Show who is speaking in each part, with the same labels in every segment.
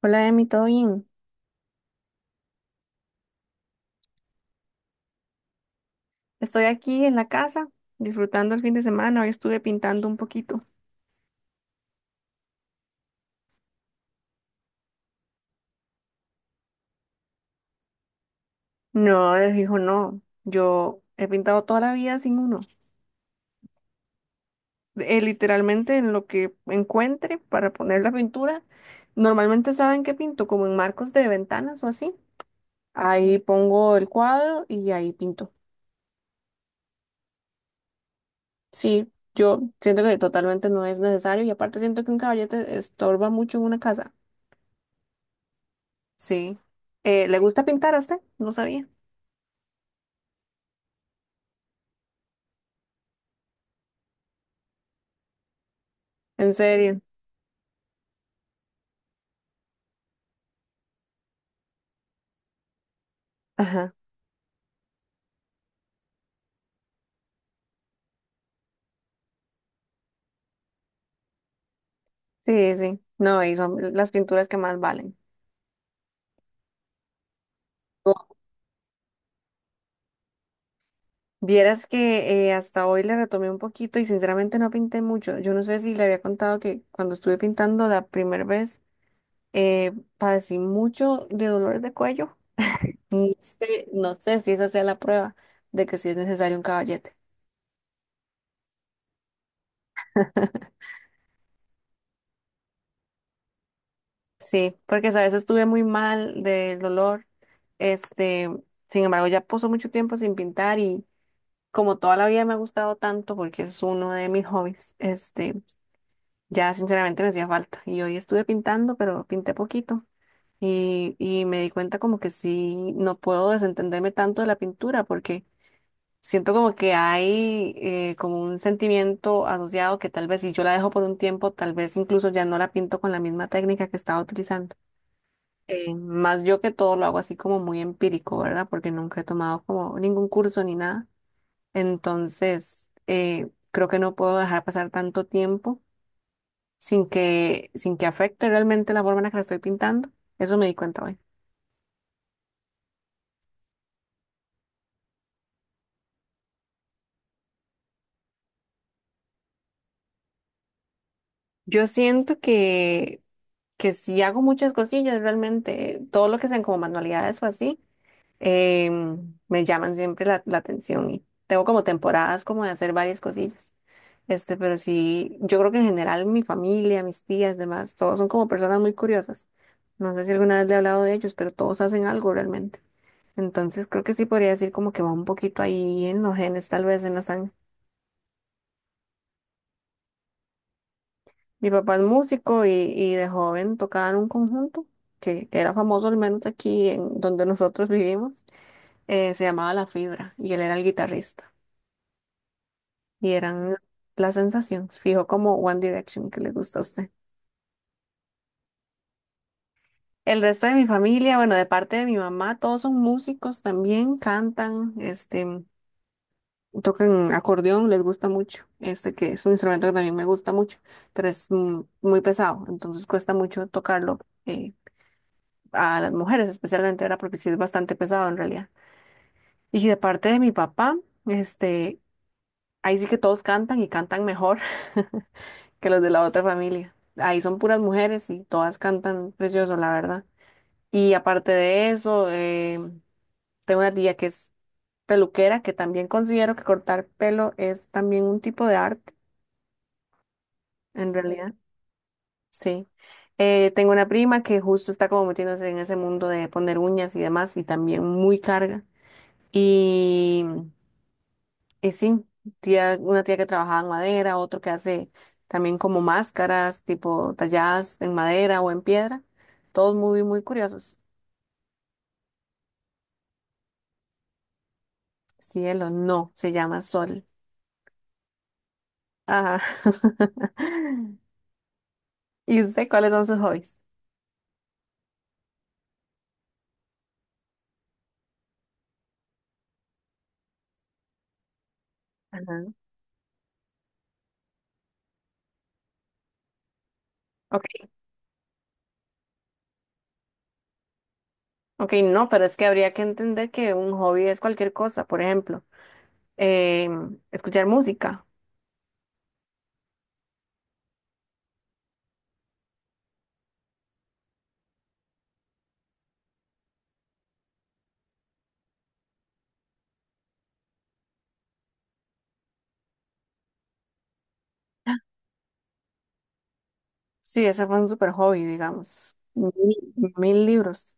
Speaker 1: Hola, Emi, ¿todo bien? Estoy aquí en la casa disfrutando el fin de semana. Hoy estuve pintando un poquito. No, les dijo no. Yo he pintado toda la vida sin uno. Literalmente en lo que encuentre para poner la pintura. Normalmente saben que pinto como en marcos de ventanas o así. Ahí pongo el cuadro y ahí pinto. Sí, yo siento que totalmente no es necesario y aparte siento que un caballete estorba mucho en una casa. Sí. ¿Le gusta pintar a usted? No sabía. ¿En serio? Ajá. Sí, sí. No, y son las pinturas que más valen. Oh, vieras que hasta hoy le retomé un poquito y sinceramente no pinté mucho. Yo no sé si le había contado que cuando estuve pintando la primera vez eh, padecí mucho de dolores de cuello. No sé, no sé si esa sea la prueba de que sí es necesario un caballete. Sí, porque a veces estuve muy mal del dolor. Este, sin embargo, ya pasó mucho tiempo sin pintar y como toda la vida me ha gustado tanto porque es uno de mis hobbies, ya sinceramente me hacía falta. Y hoy estuve pintando, pero pinté poquito. Y me di cuenta como que sí, no puedo desentenderme tanto de la pintura porque siento como que hay como un sentimiento asociado que tal vez si yo la dejo por un tiempo, tal vez incluso ya no la pinto con la misma técnica que estaba utilizando. Más yo que todo lo hago así como muy empírico, ¿verdad? Porque nunca he tomado como ningún curso ni nada. Entonces, creo que no puedo dejar pasar tanto tiempo sin que afecte realmente la forma en la que la estoy pintando. Eso me di cuenta hoy. Yo siento que si hago muchas cosillas realmente, todo lo que sean como manualidades o así, me llaman siempre la atención y tengo como temporadas como de hacer varias cosillas. Pero sí, yo creo que en general mi familia, mis tías, demás, todos son como personas muy curiosas. No sé si alguna vez le he hablado de ellos, pero todos hacen algo realmente. Entonces creo que sí podría decir como que va un poquito ahí en los genes, tal vez en la sangre. Mi papá es músico y de joven tocaba en un conjunto que era famoso, al menos aquí en donde nosotros vivimos. Se llamaba La Fibra y él era el guitarrista. Y eran las sensaciones, fijo como One Direction que le gusta a usted. El resto de mi familia, bueno, de parte de mi mamá, todos son músicos también, cantan, tocan acordeón, les gusta mucho, este que es un instrumento que también me gusta mucho, pero es muy pesado, entonces cuesta mucho tocarlo eh, a las mujeres especialmente, era porque sí es bastante pesado en realidad. Y de parte de mi papá, este, ahí sí que todos cantan y cantan mejor que los de la otra familia. Ahí son puras mujeres y todas cantan precioso, la verdad. Y aparte de eso, tengo una tía que es peluquera, que también considero que cortar pelo es también un tipo de arte, en realidad, sí. Tengo una prima que justo está como metiéndose en ese mundo de poner uñas y demás, y también muy carga. Y y sí, tía, una tía que trabajaba en madera, otro que hace también como máscaras, tipo talladas en madera o en piedra. Todos muy, muy curiosos. Cielo, no, se llama Sol. Ajá. ¿Y usted cuáles son sus hobbies? Ajá. Ok, ok, no, pero es que habría que entender que un hobby es cualquier cosa. Por ejemplo, escuchar música. Sí, ese fue un super hobby, digamos. Mil, mil libros.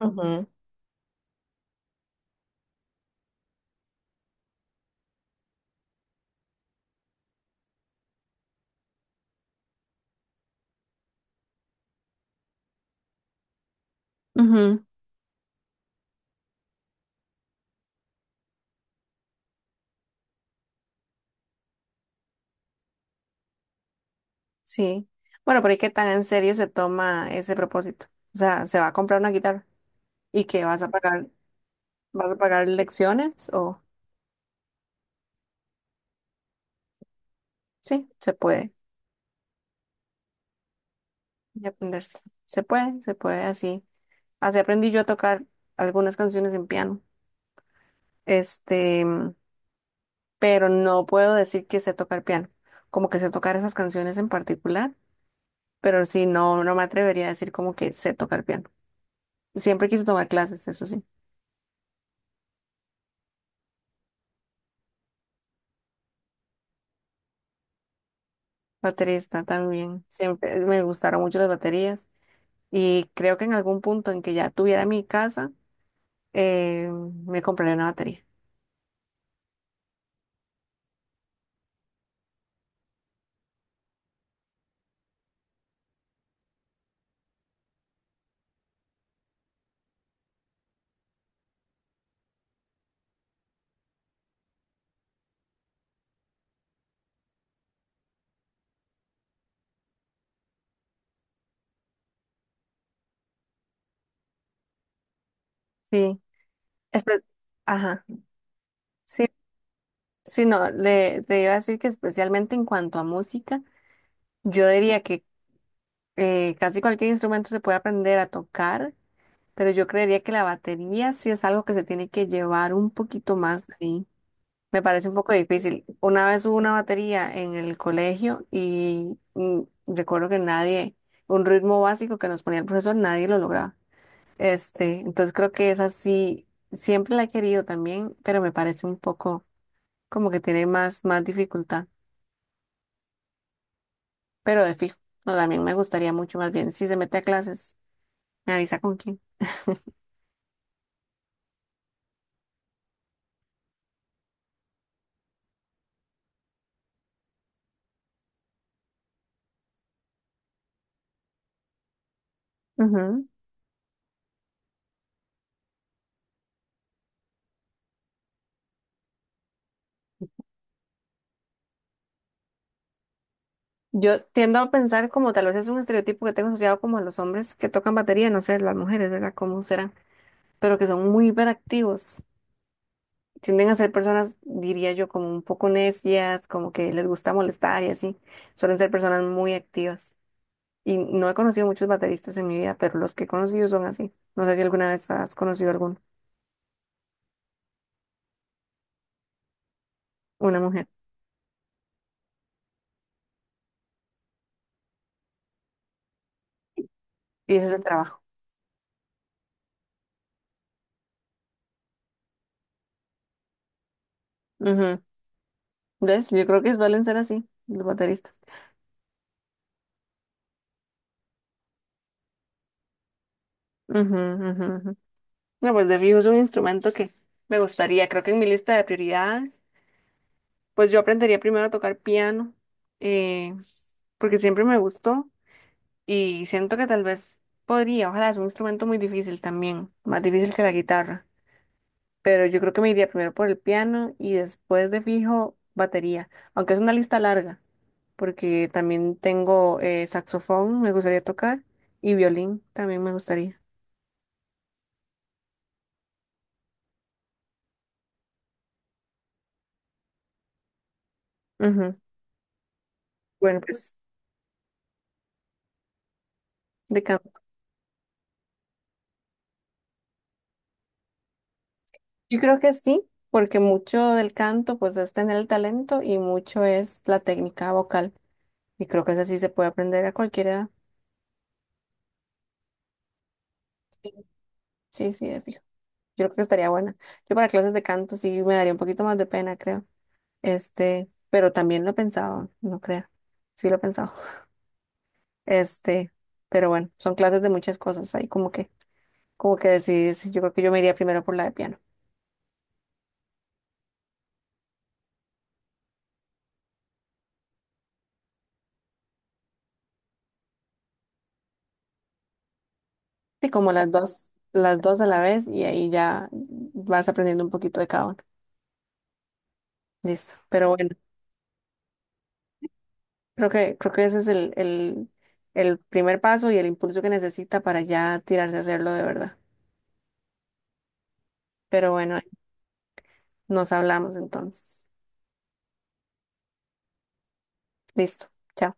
Speaker 1: Ujú. Ujú. Sí. Bueno, pero es que tan en serio se toma ese propósito. O sea, se va a comprar una guitarra y qué vas a pagar lecciones o sí, se puede y aprenderse. Se puede así. Así aprendí yo a tocar algunas canciones en piano. Este, pero no puedo decir que sé tocar piano, como que sé tocar esas canciones en particular, pero sí, no, no me atrevería a decir como que sé tocar piano. Siempre quise tomar clases, eso sí. Baterista también. Siempre me gustaron mucho las baterías. Y creo que en algún punto en que ya tuviera mi casa, eh, me compraré una batería. Sí. Espe- Ajá. Sí, sí, no, le, te iba a decir que especialmente en cuanto a música, yo diría que casi cualquier instrumento se puede aprender a tocar, pero yo creería que la batería sí es algo que se tiene que llevar un poquito más. Sí. Me parece un poco difícil. Una vez hubo una batería en el colegio y recuerdo que nadie, un ritmo básico que nos ponía el profesor, nadie lo lograba. Entonces creo que esa sí, siempre la he querido también, pero me parece un poco como que tiene más, más dificultad. Pero de fijo, no, también me gustaría mucho más bien. Si se mete a clases, me avisa con quién. Ujú. Yo tiendo a pensar como tal vez es un estereotipo que tengo asociado como a los hombres que tocan batería, no sé, las mujeres, ¿verdad? ¿Cómo será? Pero que son muy hiperactivos. Tienden a ser personas, diría yo, como un poco necias, como que les gusta molestar y así. Suelen ser personas muy activas. Y no he conocido muchos bateristas en mi vida, pero los que he conocido son así. No sé si alguna vez has conocido alguna, una mujer. Y ese es el trabajo. Ujú. ¿Ves? Yo creo que suelen ser así, los bateristas. Ujú, ujú, ujú. No, pues de fijo es un instrumento que me gustaría. Creo que en mi lista de prioridades, pues yo aprendería primero a tocar piano, eh, porque siempre me gustó. Y siento que tal vez podría, ojalá, es un instrumento muy difícil también, más difícil que la guitarra. Pero yo creo que me iría primero por el piano y después de fijo batería, aunque es una lista larga, porque también tengo saxofón, me gustaría tocar, y violín también me gustaría. Ujú. Bueno, pues de canto. Yo creo que sí, porque mucho del canto pues es tener el talento y mucho es la técnica vocal. Y creo que eso sí se puede aprender a cualquier edad. Sí, sí, sí, de fijo. Yo creo que estaría buena. Yo para clases de canto sí me daría un poquito más de pena, creo. Pero también lo he pensado, no creo. Sí lo he pensado. Este, pero bueno, son clases de muchas cosas ahí como que decides, yo creo que yo me iría primero por la de piano. Y como las dos a la vez y ahí ya vas aprendiendo un poquito de cada uno. Listo. Pero bueno, creo que ese es el primer paso y el impulso que necesita para ya tirarse a hacerlo de verdad. Pero bueno, nos hablamos entonces. Listo. Chao.